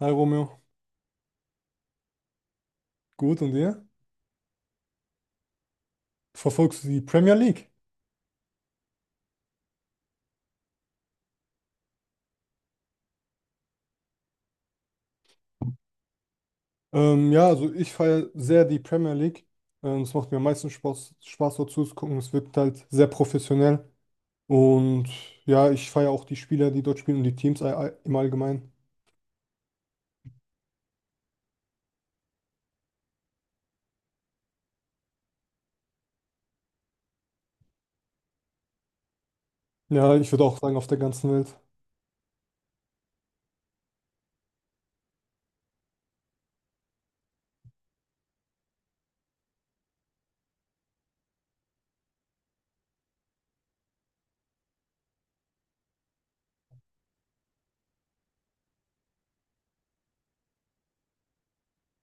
Hi Romeo, gut und dir? Verfolgst du die Premier League? Ja, also ich feiere sehr die Premier League. Es macht mir am meisten Spaß dort zuzugucken. Es wirkt halt sehr professionell. Und ja, ich feiere auch die Spieler, die dort spielen und die Teams im Allgemeinen. Ja, ich würde auch sagen, auf der ganzen Welt.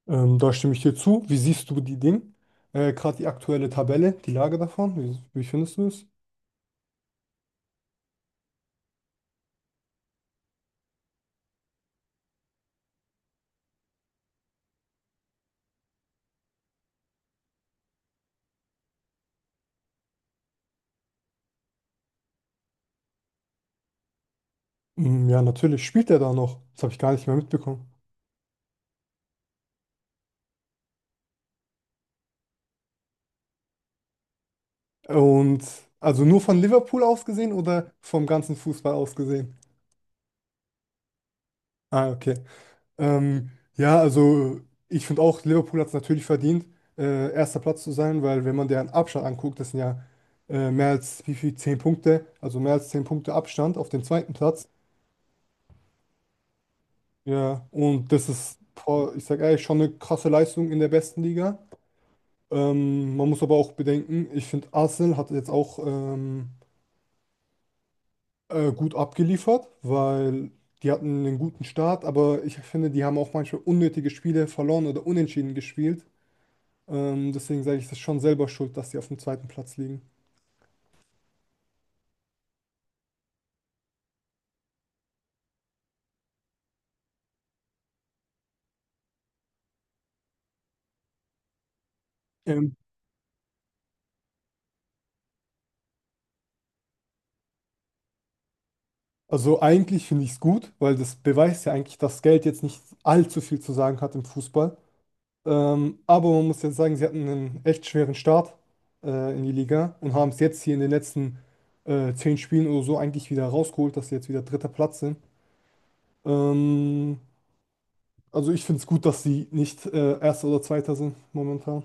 Da stimme ich dir zu. Wie siehst du die Dinge? Gerade die aktuelle Tabelle, die Lage davon, wie findest du es? Mm, ja, natürlich spielt er da noch. Das habe ich gar nicht mehr mitbekommen. Und also nur von Liverpool aus gesehen oder vom ganzen Fußball aus gesehen? Ah, okay. Ähm, ja, also ich finde auch, Liverpool hat es natürlich verdient, erster Platz zu sein, weil wenn man deren Abstand anguckt, das sind ja mehr als wie viel, zehn Punkte, also mehr als zehn Punkte Abstand auf den zweiten Platz. Ja, und das ist, boah, ich sag ehrlich, schon eine krasse Leistung in der besten Liga. Man muss aber auch bedenken, ich finde, Arsenal hat jetzt auch gut abgeliefert, weil die hatten einen guten Start, aber ich finde, die haben auch manchmal unnötige Spiele verloren oder unentschieden gespielt. Deswegen sage ich, das ist schon selber schuld, dass sie auf dem zweiten Platz liegen. Ähm, also eigentlich finde ich es gut, weil das beweist ja eigentlich, dass Geld jetzt nicht allzu viel zu sagen hat im Fußball. Aber man muss jetzt sagen, sie hatten einen echt schweren Start in die Liga und haben es jetzt hier in den letzten zehn Spielen oder so eigentlich wieder rausgeholt, dass sie jetzt wieder dritter Platz sind. Ähm, Also ich finde es gut, dass sie nicht Erster oder Zweiter sind momentan.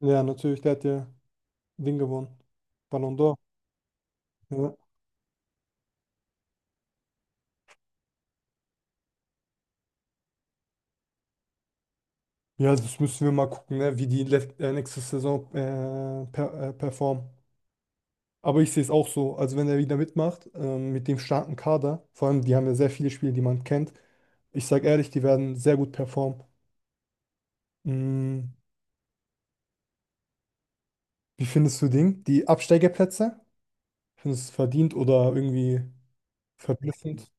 Ja, natürlich, der hat ja Ding gewonnen. Ballon d'Or. Ja. Ja, das müssen wir mal gucken, ne, wie die nächste Saison performen. Aber ich sehe es auch so. Also wenn er wieder mitmacht, mit dem starken Kader, vor allem die haben ja sehr viele Spiele, die man kennt. Ich sage ehrlich, die werden sehr gut performen. Mm, wie findest du Ding? Die Absteigerplätze? Findest du es verdient oder irgendwie verblüffend?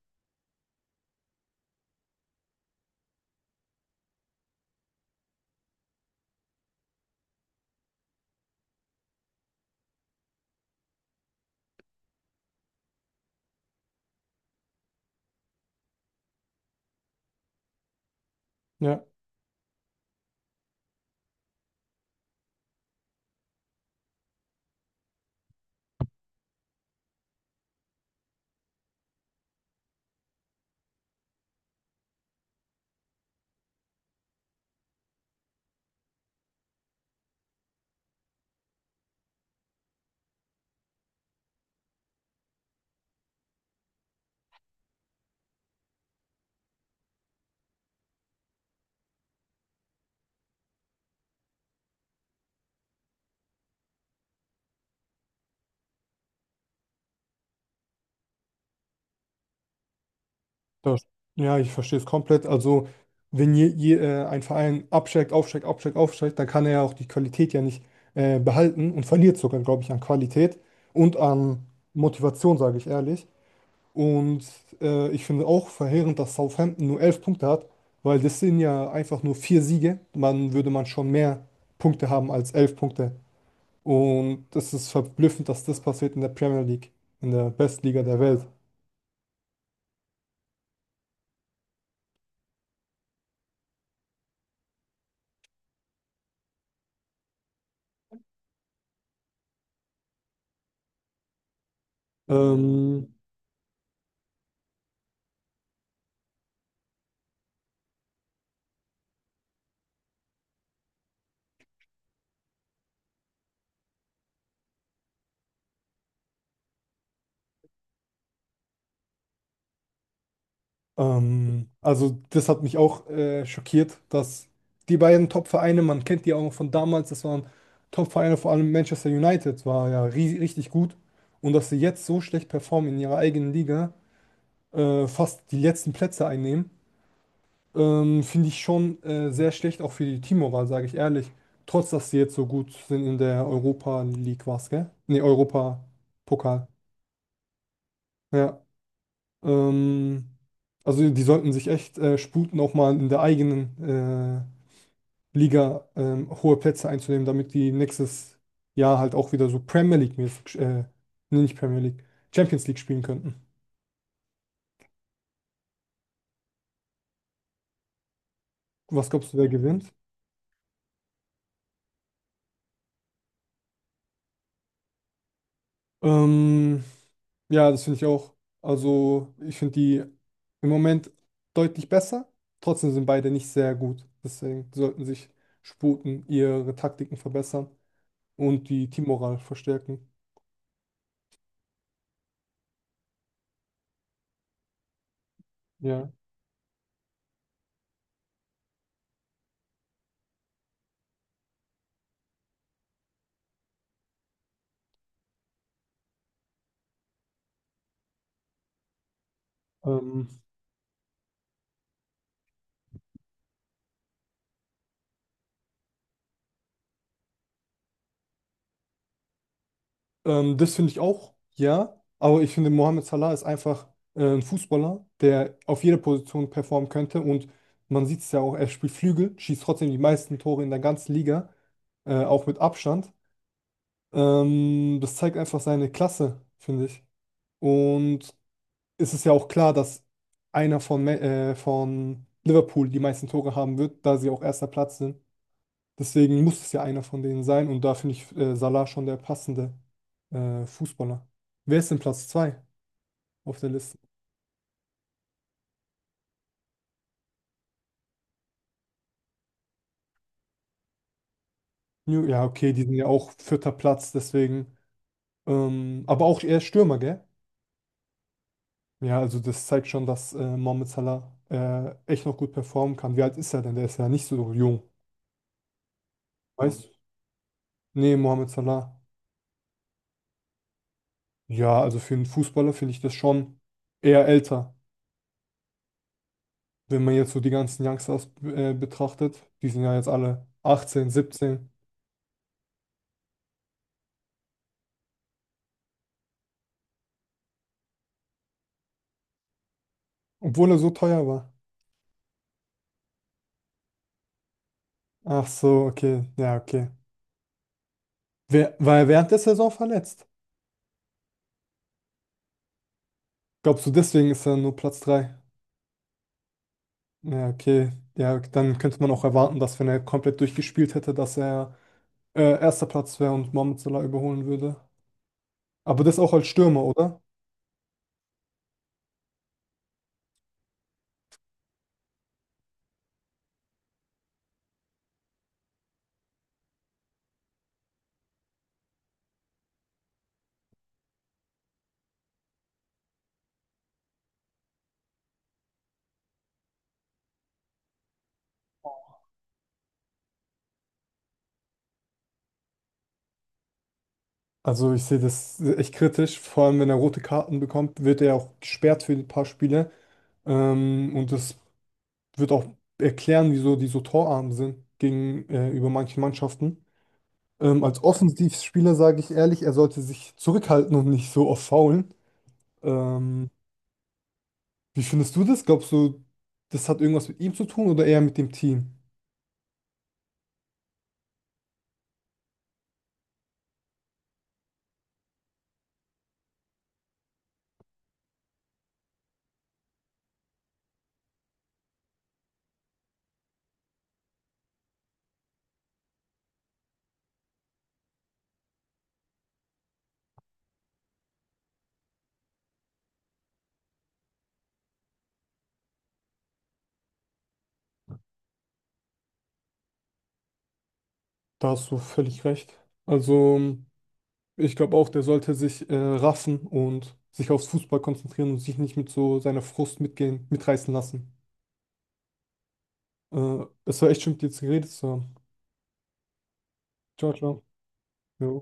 Ja. Das, ja, ich verstehe es komplett. Also, wenn ein Verein absteigt, aufsteigt, dann kann er ja auch die Qualität ja nicht behalten und verliert sogar, glaube ich, an Qualität und an Motivation, sage ich ehrlich. Und ich finde auch verheerend, dass Southampton nur elf Punkte hat, weil das sind ja einfach nur vier Siege. Man würde man schon mehr Punkte haben als elf Punkte. Und es ist verblüffend, dass das passiert in der Premier League, in der besten Liga der Welt. Ähm, also das hat mich auch schockiert, dass die beiden Top-Vereine, man kennt die auch von damals, das waren Top-Vereine, vor allem Manchester United war ja richtig gut. Und dass sie jetzt so schlecht performen in ihrer eigenen Liga, fast die letzten Plätze einnehmen, finde ich schon sehr schlecht, auch für die Teammoral, sage ich ehrlich. Trotz, dass sie jetzt so gut sind in der Europa League, was, gell? Nee, Europa-Pokal. Ja. Ähm, also die sollten sich echt sputen, auch mal in der eigenen Liga hohe Plätze einzunehmen, damit die nächstes Jahr halt auch wieder so Premier League-mäßig, nee, nicht Premier League, Champions League spielen könnten. Was glaubst du, wer gewinnt? Ähm, ja, das finde ich auch. Also ich finde die im Moment deutlich besser. Trotzdem sind beide nicht sehr gut. Deswegen sollten sich sputen, ihre Taktiken verbessern und die Teammoral verstärken. Ja. Ähm, das finde ich auch, ja. Aber ich finde, Mohamed Salah ist einfach ein Fußballer, der auf jeder Position performen könnte. Und man sieht es ja auch, er spielt Flügel, schießt trotzdem die meisten Tore in der ganzen Liga, auch mit Abstand. Das zeigt einfach seine Klasse, finde ich. Und es ist ja auch klar, dass einer von Liverpool die meisten Tore haben wird, da sie auch erster Platz sind. Deswegen muss es ja einer von denen sein und da finde ich Salah schon der passende Fußballer. Wer ist denn Platz 2 auf der Liste? New, ja, okay, die sind ja auch vierter Platz, deswegen. Aber auch eher Stürmer, gell? Ja, also das zeigt schon, dass Mohamed Salah echt noch gut performen kann. Wie alt ist er denn? Der ist ja nicht so jung. Weißt du? Nee, Mohamed Salah. Ja, also für einen Fußballer finde ich das schon eher älter. Wenn man jetzt so die ganzen Youngsters betrachtet, die sind ja jetzt alle 18, 17. Obwohl er so teuer war. Ach so, okay. Ja, okay. Wer, war er während der Saison verletzt? Glaubst du, deswegen ist er nur Platz 3? Ja, okay. Ja, dann könnte man auch erwarten, dass wenn er komplett durchgespielt hätte, dass er erster Platz wäre und Mohamed Salah überholen würde. Aber das auch als Stürmer, oder? Also ich sehe das echt kritisch. Vor allem, wenn er rote Karten bekommt, wird er auch gesperrt für ein paar Spiele. Und das wird auch erklären, wieso die so torarm sind gegenüber manchen Mannschaften. Als Offensivspieler sage ich ehrlich, er sollte sich zurückhalten und nicht so oft faulen. Ähm, Wie findest du das? Glaubst du, das hat irgendwas mit ihm zu tun oder eher mit dem Team? Da hast du völlig recht. Also, ich glaube auch, der sollte sich raffen und sich aufs Fußball konzentrieren und sich nicht mit so seiner Frust mitgehen, mitreißen lassen. Es war echt schön, mit dir zu geredet zu haben. Ciao, ciao. Jo.